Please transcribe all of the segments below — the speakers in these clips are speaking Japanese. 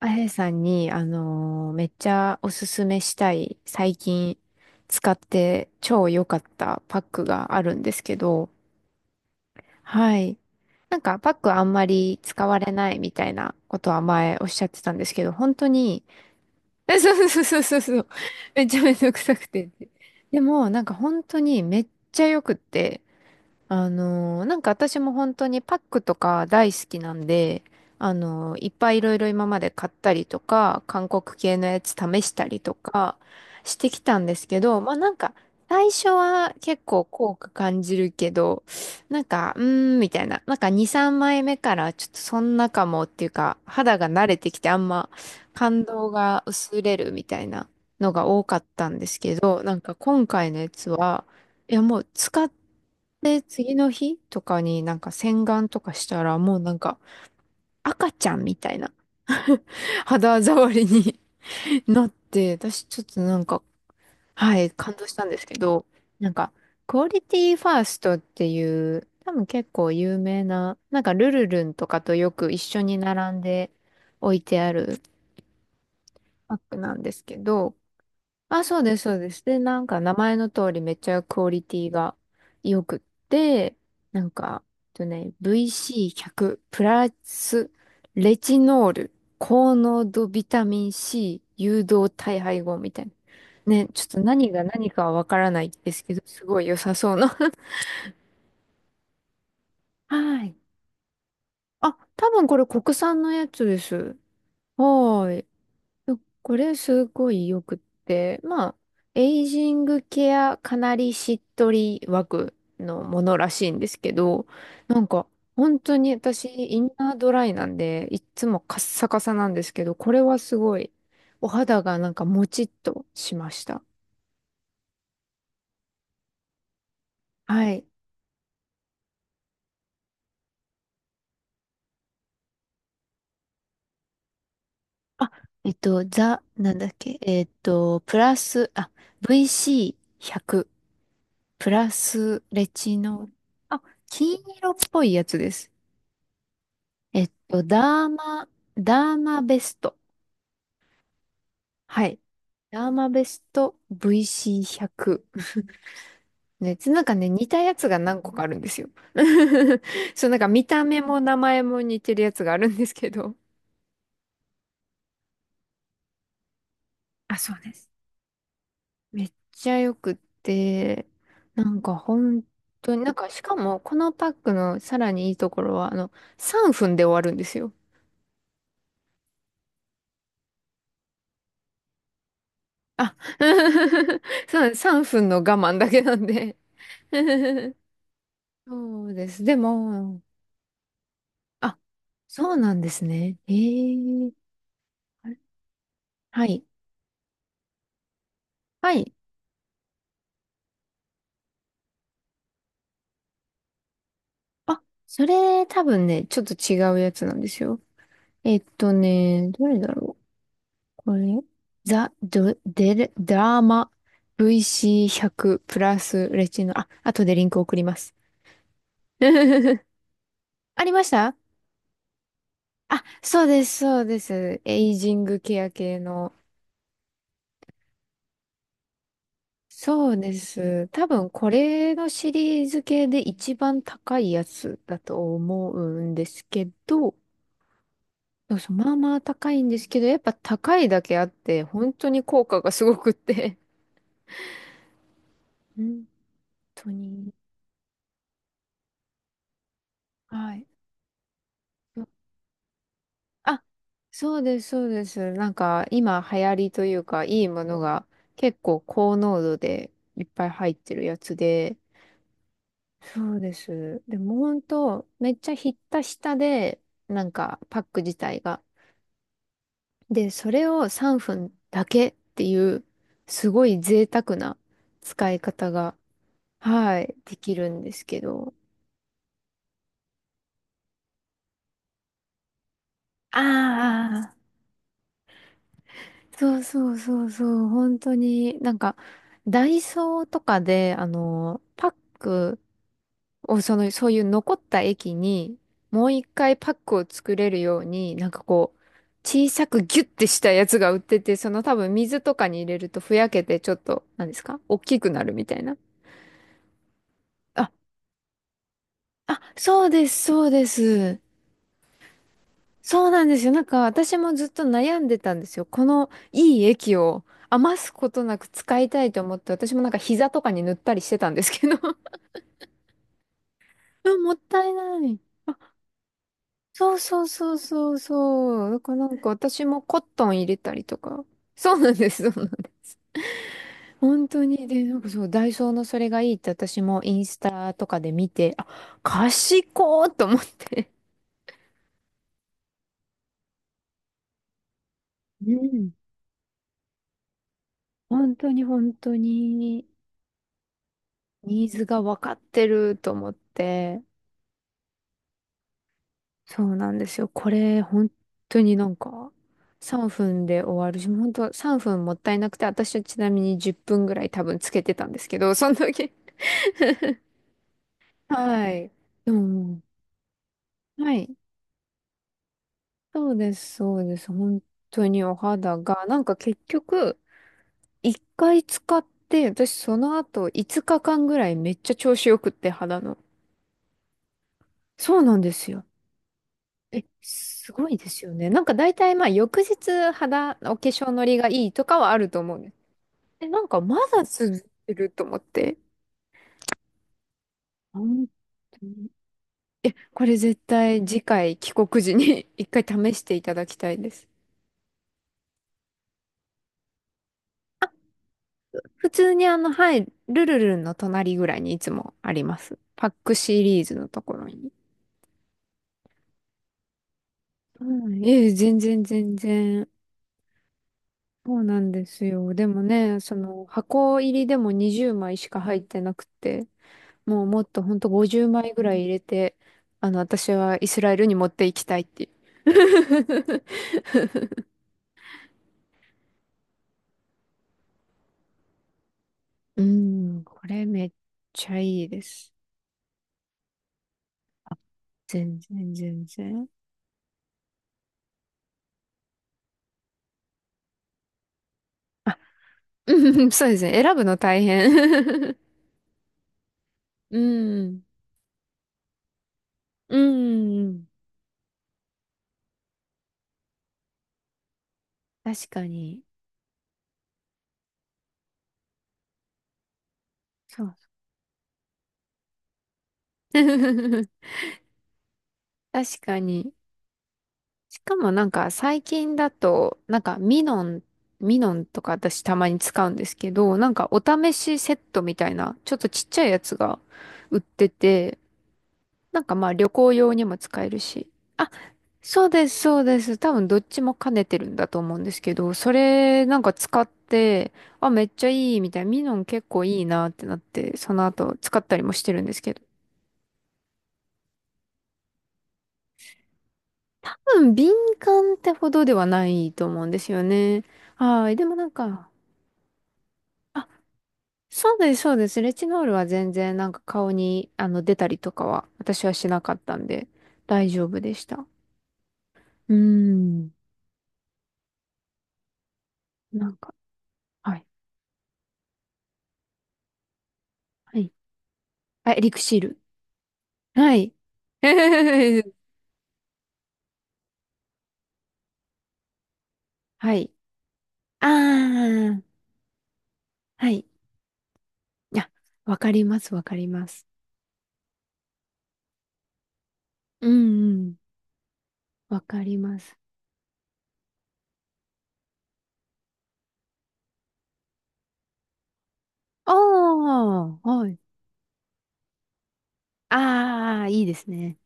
あやさんに、めっちゃおすすめしたい、最近使って超良かったパックがあるんですけど、はい。なんかパックあんまり使われないみたいなことは前おっしゃってたんですけど、本当に、そうそうそうそうそう、めっちゃめんどくさくて。でも、なんか本当にめっちゃ良くって、なんか私も本当にパックとか大好きなんで、いっぱいいろいろ今まで買ったりとか、韓国系のやつ試したりとかしてきたんですけど、まあなんか、最初は結構効果感じるけど、なんか、うーん、みたいな。なんか2、3枚目からちょっとそんなかもっていうか、肌が慣れてきてあんま感動が薄れるみたいなのが多かったんですけど、なんか今回のやつは、いや、もう使って次の日とかになんか洗顔とかしたらもうなんか赤ちゃんみたいな 肌触りに なって、私ちょっとなんか、はい、感動したんですけど、なんか、クオリティファーストっていう、多分結構有名な、なんかルルルンとかとよく一緒に並んで置いてあるパックなんですけど、あ、そうです、そうです。で、なんか名前の通りめっちゃクオリティが良くって、なんか、VC100 プラスレチノール高濃度ビタミン C 誘導体配合みたいな。ね、ちょっと何が何かはわからないですけど、すごい良さそうな。はい。あ、多分これ国産のやつです。はーい。そうこれすごいよくって、まあ、エイジングケアかなりしっとり枠のものらしいんですけど、なんか本当に私インナードライなんで、いっつもカッサカサなんですけど、これはすごいお肌がなんかもちっとしました。はい。あ、ザ、なんだっけ、プラス、あ、VC100、プラスレチノール、あ、金色っぽいやつです。えっと、ダーマ、ダーマベスト。はい。ダーマベスト VC100。ね、なんかね、似たやつが何個かあるんですよ。そう、なんか見た目も名前も似てるやつがあるんですけど。あ、そうです。めっちゃよくって、なんか本当に、なんかしかもこのパックのさらにいいところは、3分で終わるんですよ。あ、そうなんです、3分の我慢だけなんで そうです。でも、あ、そうなんですね。ええ、あれ、はい。はい。あ、それ多分ね、ちょっと違うやつなんですよ。どれだろうこれ。ザ・ド、デル、ダーマ VC100 プラスレチノ。あ、後でリンク送ります。ありました、あ、そうです、そうです。エイジングケア系の。そうです。多分これのシリーズ系で一番高いやつだと思うんですけど、そうそう、まあまあ高いんですけど、やっぱ高いだけあって、本当に効果がすごくって。本当に。はい。あ、そうです、そうです。なんか今流行りというか、いいものが結構高濃度でいっぱい入ってるやつで、そうです。でも本当、めっちゃひったひたで、なんかパック自体が。で、それを3分だけっていう、すごい贅沢な使い方が、はい、できるんですけど。ああ、そうそうそうそう、本当に、なんか、ダイソーとかで、パックを、その、そういう残った液に、もう一回パックを作れるように、なんかこう、小さくギュッてしたやつが売ってて、その多分水とかに入れるとふやけて、ちょっと、何ですか、大きくなるみたいな。あ、そうです、そうです。そうなんですよ。なんか私もずっと悩んでたんですよ。このいい液を余すことなく使いたいと思って、私もなんか膝とかに塗ったりしてたんですけど。うん、もったいない。そうそうそうそうそう。だからなんか私もコットン入れたりとか。そうなんです、そうなんです。本当に。で、なんかそう、ダイソーのそれがいいって私もインスタとかで見て、あ、賢ーと思って。うん。本当に本当に。ニーズが分かってると思って、そうなんですよ。これ、本当になんか、3分で終わるし、本当3分もったいなくて、私はちなみに10分ぐらい多分つけてたんですけど、その時。はい。でも、はい。そうです、そうです。本当にお肌が、なんか結局、1回使って、私その後5日間ぐらいめっちゃ調子よくって、肌の。そうなんですよ。え、すごいですよね。なんか大体まあ翌日肌、お化粧のりがいいとかはあると思うんです。え、なんかまだ続けると思って。本当にこれ絶対次回帰国時に 一回試していただきたいです。普通にはい、ルルルンの隣ぐらいにいつもあります。パックシリーズのところに。うん、ええ、全然全然。そうなんですよ。でもね、その箱入りでも20枚しか入ってなくて。もうもっとほんと50枚ぐらい入れて、私はイスラエルに持っていきたいっていう。うん、これめっちゃいいです。全然全然。あ、うん、そうですね。選ぶの大変。うん、うん、確かに。そう。確かに。しかもなんか最近だと、なんかミノンとか私たまに使うんですけど、なんかお試しセットみたいな、ちょっとちっちゃいやつが売ってて、なんかまあ旅行用にも使えるし。あ、そうです、そうです。多分どっちも兼ねてるんだと思うんですけど、それなんか使って、あ、めっちゃいいみたいな、ミノン結構いいなってなって、その後使ったりもしてるんですけど。多分敏感ってほどではないと思うんですよね。はい。でもなんか、あ、そうです、そうです。レチノールは全然なんか顔に出たりとかは私はしなかったんで大丈夫でした。うーん。なんか、はい。はい。あ、エリクシール。はい。はい。ああ、はい。あ、わかります、わかります。うんうん、わかります。ああ、はい。ああ、いいですね。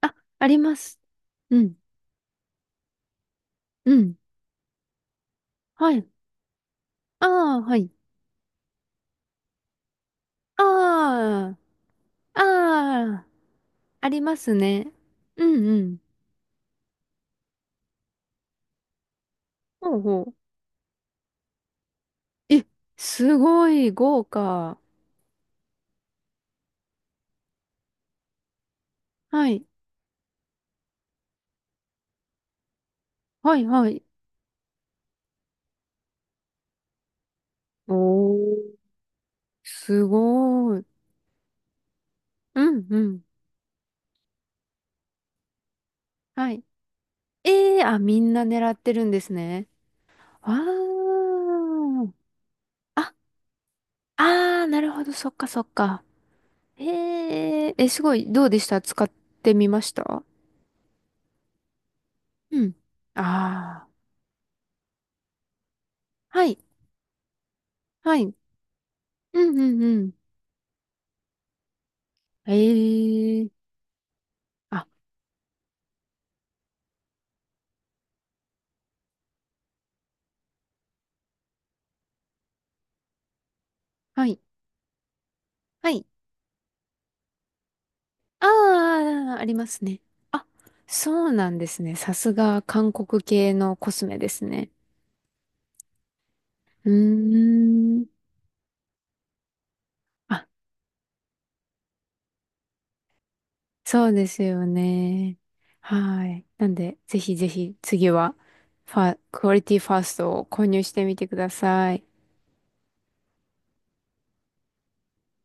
あ、あります。うん、うん。はい。ああ、はい。ああ、ああ、ありますね。うんうん。ほうほう。え、すごい豪華。はい。はい、はい。おー、すごい。うん、うん。はい、ええー、あ、みんな狙ってるんですね。わー。あ、あー、なるほど、そっかそっか。えええ、すごい、どうでした、使ってみました？うん。ああ、はい、はい。うんうんうん。ええ、あ、はい、はい。ああ、ありますね。あ、そうなんですね。さすが韓国系のコスメですね。うーん。あ、そうですよね。はい。なんで、ぜひぜひ次はクオリティファーストを購入してみてください。